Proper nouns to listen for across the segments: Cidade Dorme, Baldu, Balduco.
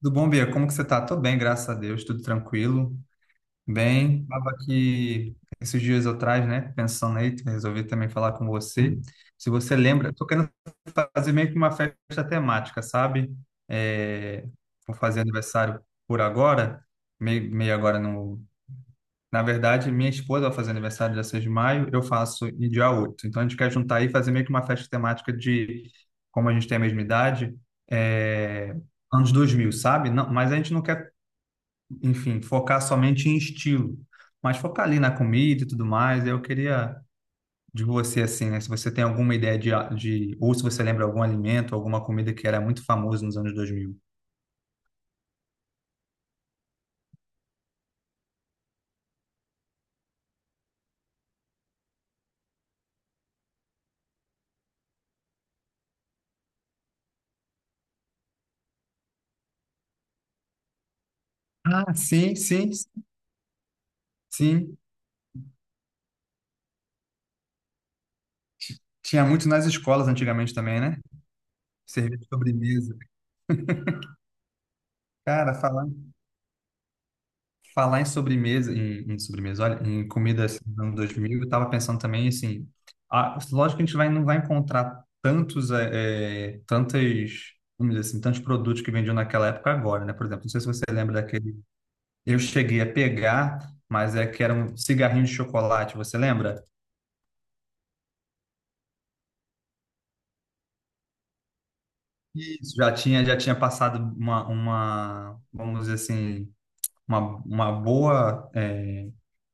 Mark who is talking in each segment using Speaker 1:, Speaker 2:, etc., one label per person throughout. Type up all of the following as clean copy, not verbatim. Speaker 1: Tudo bom, Bia? Como que você tá? Tô bem, graças a Deus, tudo tranquilo. Bem, tava aqui esses dias atrás, né, pensando aí, resolvi também falar com você. Se você lembra, eu tô querendo fazer meio que uma festa temática, sabe? É, Vou fazer aniversário por agora, meio agora no... Na verdade, minha esposa vai fazer aniversário dia 6 de maio, eu faço em dia 8. Então, a gente quer juntar aí e fazer meio que uma festa temática de, como a gente tem a mesma idade, é, anos 2000, sabe? Não, mas a gente não quer enfim, focar somente em estilo, mas focar ali na comida e tudo mais. Eu queria de você, assim, né? Se você tem alguma ideia de ou se você lembra algum alimento, alguma comida que era muito famoso nos anos 2000. Ah, sim, sim, sim. Tinha muito nas escolas antigamente também, né? Serviço de sobremesa. Cara, falar em sobremesa, em sobremesa, olha, em comida assim, dos anos 2000, eu tava pensando também, assim, lógico que a gente vai, não vai encontrar tantos, tantas, vamos dizer assim, tantos produtos que vendiam naquela época agora, né? Por exemplo, não sei se você lembra daquele, eu cheguei a pegar, mas é que era um cigarrinho de chocolate, você lembra? Isso, já tinha passado vamos dizer assim, uma, uma boa, é,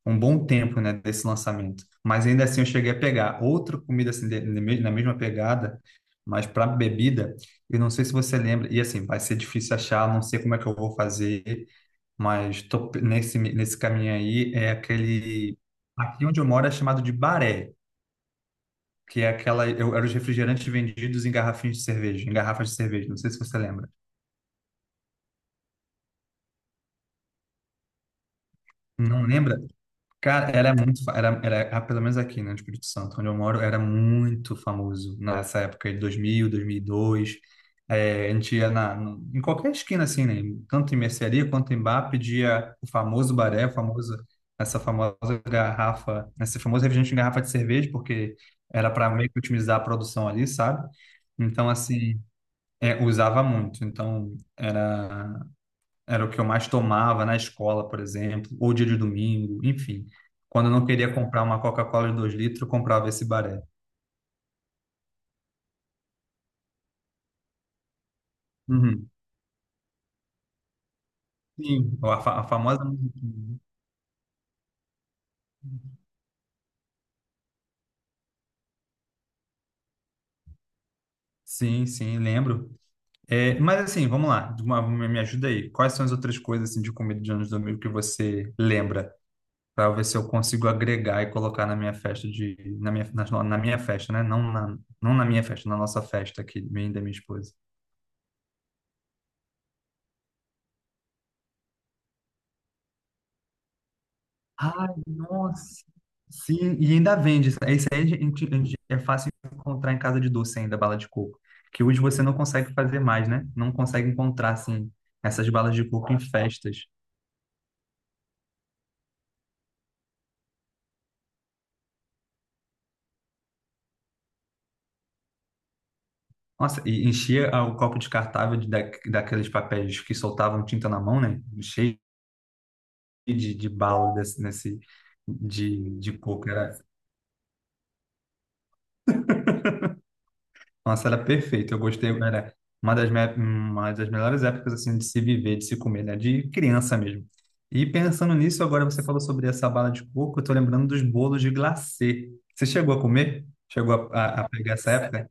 Speaker 1: um bom tempo, né, desse lançamento. Mas ainda assim eu cheguei a pegar outra comida assim, na mesma pegada, mas para bebida, eu não sei se você lembra, e assim, vai ser difícil achar, não sei como é que eu vou fazer, mas tô nesse caminho aí, é aquele... Aqui onde eu moro é chamado de baré, que é aquela... era os refrigerantes vendidos em garrafinhas de cerveja, em garrafas de cerveja, não sei se você lembra. Não lembra? Cara, era muito, pelo menos aqui, né, no Espírito Santo, onde eu moro, era muito famoso nessa época de 2000, 2002. A gente ia na, no- em qualquer esquina, assim, né, tanto em mercearia quanto em bar, pedia o famoso baré, o famoso, essa famosa garrafa, esse famoso refrigerante em garrafa de cerveja, porque era para meio que otimizar a produção ali, sabe? Então, assim, usava muito. Então, era o que eu mais tomava na escola, por exemplo, ou dia de domingo, enfim. Quando eu não queria comprar uma Coca-Cola de 2 litros, eu comprava esse baré. Uhum. Sim, a famosa musiquinha. Sim, sim, lembro. É, mas assim, vamos lá, me ajuda aí. Quais são as outras coisas assim, de comida de anos domingo que você lembra? Para ver se eu consigo agregar e colocar na minha festa de na minha, na, na minha festa, né? Não na minha festa, na nossa festa aqui, minha e da minha esposa. Ai, nossa. Sim, e ainda vende. Isso aí é fácil encontrar em casa de doce ainda, bala de coco. Que hoje você não consegue fazer mais, né? Não consegue encontrar, assim, essas balas de coco em festas. Nossa, e enchia o copo descartável da, daqueles papéis que soltavam tinta na mão, né? Cheio de bala desse, nesse, de coco. Nossa, era perfeito. Eu gostei, era uma das melhores épocas assim de se viver, de se comer, né? De criança mesmo. E pensando nisso, agora você falou sobre essa bala de coco, eu tô lembrando dos bolos de glacê. Você chegou a comer? Chegou a pegar essa época?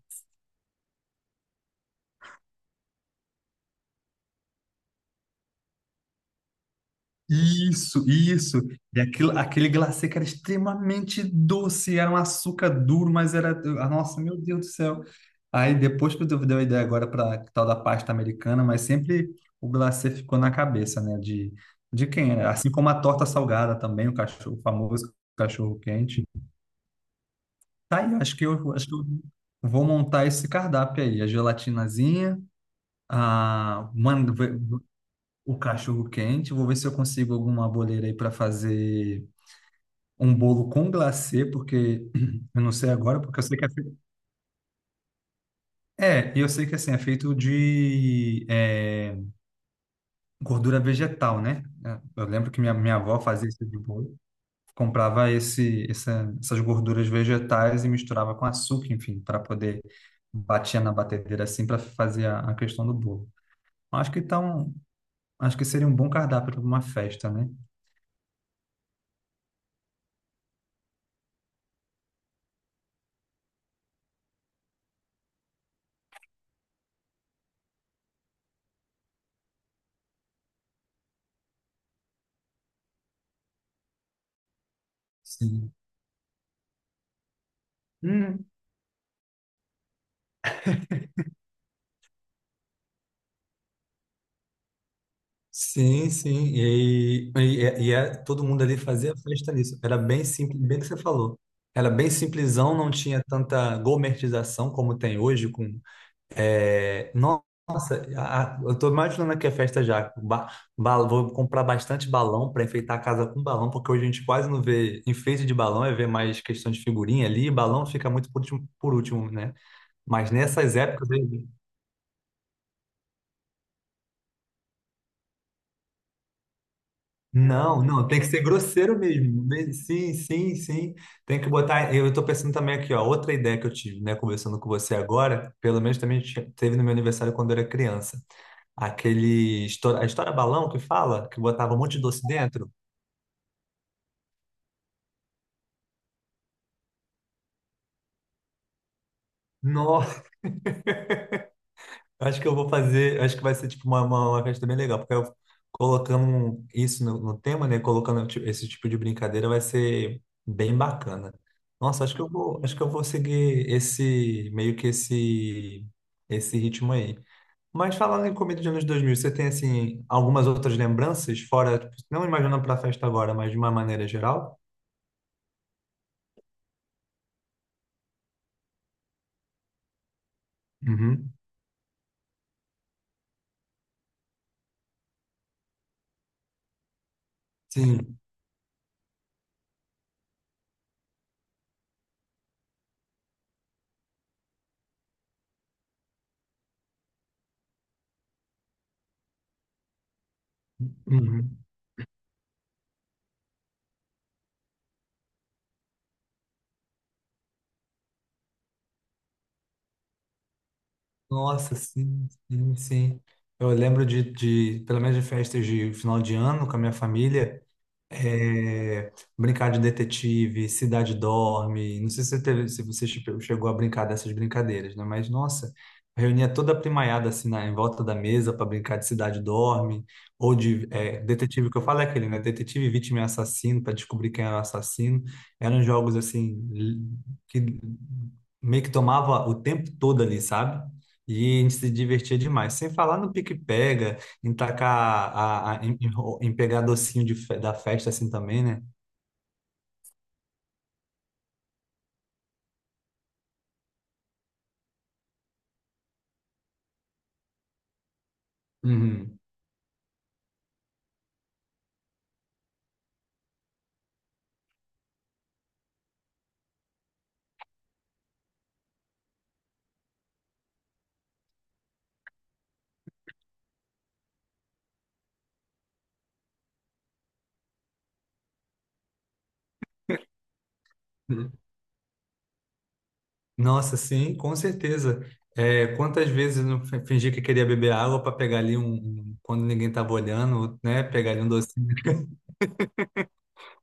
Speaker 1: Isso, isso. E aquilo, aquele glacê que era extremamente doce, era um açúcar duro, mas era. Nossa, meu Deus do céu. Aí depois que eu dei a ideia agora para tal da pasta americana, mas sempre o glacê ficou na cabeça, né? De quem era. Assim como a torta salgada também, o famoso cachorro quente. Tá aí, acho que eu vou montar esse cardápio aí. A gelatinazinha, mano, o cachorro quente. Vou ver se eu consigo alguma boleira aí para fazer um bolo com glacê, porque eu não sei agora, porque eu sei que é feito. É, e eu sei que assim, é feito de gordura vegetal, né? Eu lembro que minha avó fazia esse tipo de bolo, comprava essas gorduras vegetais e misturava com açúcar, enfim, para poder batia na batedeira assim para fazer a questão do bolo. Acho que então, acho que seria um bom cardápio para uma festa, né? Sim. Sim, sim. Todo mundo ali fazia festa nisso. Era bem simples, bem o que você falou. Era bem simplesão, não tinha tanta gourmetização como tem hoje. Com, é, no- nossa, eu estou imaginando aqui a festa já. Vou comprar bastante balão para enfeitar a casa com balão, porque hoje a gente quase não vê enfeite de balão, é ver mais questão de figurinha ali, e balão fica muito por último, né? Mas nessas épocas, aí. Não, não, tem que ser grosseiro mesmo. Bem, sim, sim, sim. Tem que botar. Eu estou pensando também aqui, ó, outra ideia que eu tive, né, conversando com você agora, pelo menos também teve no meu aniversário quando eu era criança. A história balão que fala, que botava um monte de doce dentro. Acho que eu vou fazer, acho que vai ser tipo uma festa bem legal, porque eu colocando isso no tema, né? Colocando esse tipo de brincadeira vai ser bem bacana. Nossa, acho que eu vou seguir esse meio que esse ritmo aí. Mas falando em comida de anos 2000, você tem assim algumas outras lembranças fora, tipo, não imaginando para a festa agora, mas de uma maneira geral? Uhum. Sim. Uhum. Nossa, sim, sim, sim. Eu lembro pelo menos de festas de final de ano com a minha família, é, brincar de detetive, Cidade Dorme. Não sei se você teve, se você chegou a brincar dessas brincadeiras, né? Mas, nossa, reunia toda a primaiada assim, em volta da mesa para brincar de Cidade Dorme, ou de detetive, que eu falo é aquele, né? Detetive, vítima e assassino, para descobrir quem era o assassino. Eram jogos assim, que meio que tomava o tempo todo ali, sabe? E a gente se divertia demais. Sem falar no pique-pega, em tacar em pegar docinho da festa assim também, né? Uhum. Uhum. Nossa, sim, com certeza. É, quantas vezes eu não fingi que queria beber água para pegar ali quando ninguém tava olhando, né? Pegar ali um docinho.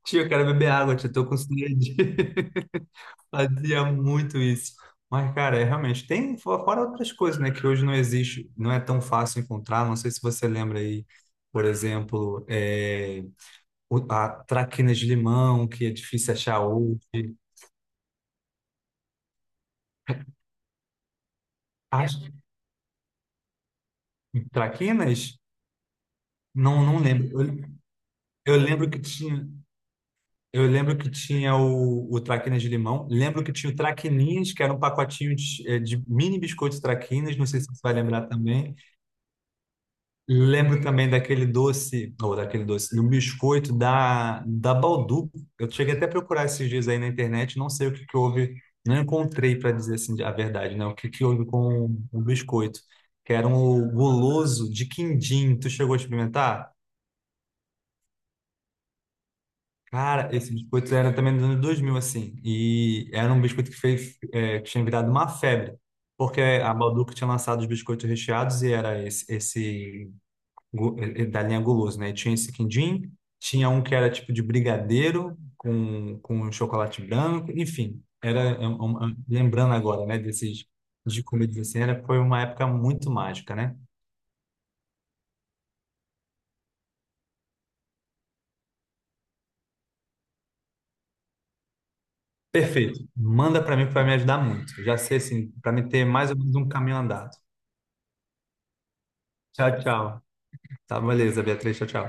Speaker 1: Tio, eu quero beber água, tio, tô com sede. Fazia muito isso. Mas, cara, é realmente. Tem fora outras coisas, né? Que hoje não existe, não é tão fácil encontrar. Não sei se você lembra aí, por exemplo, a traquinas de limão, que é difícil achar hoje. As traquinas? Não, não lembro. Eu lembro que tinha. Eu lembro que tinha o traquinas de limão. Lembro que tinha o traquininhas, que era um pacotinho de mini biscoitos traquinas. Não sei se você vai lembrar também. Lembro também daquele doce, ou daquele doce, do biscoito da Baldu. Eu cheguei até a procurar esses dias aí na internet, não sei o que que houve, não encontrei para dizer assim a verdade, né? O que que houve com o biscoito, que era um guloso de quindim. Tu chegou a experimentar? Cara, esse biscoito era também dos anos 2000 assim, e era um biscoito que tinha virado uma febre, porque a Balduco tinha lançado os biscoitos recheados e era da linha guloso, né? Tinha esse quindim, tinha um que era tipo de brigadeiro com chocolate branco, enfim, era é um- lembrando agora, né, desses de comida assim, foi uma época muito mágica, né? Perfeito. Manda para mim que vai me ajudar muito. Já sei assim, para me ter mais ou menos um caminho andado. Tchau, tchau. Tá, beleza, Beatriz. Tchau, tchau.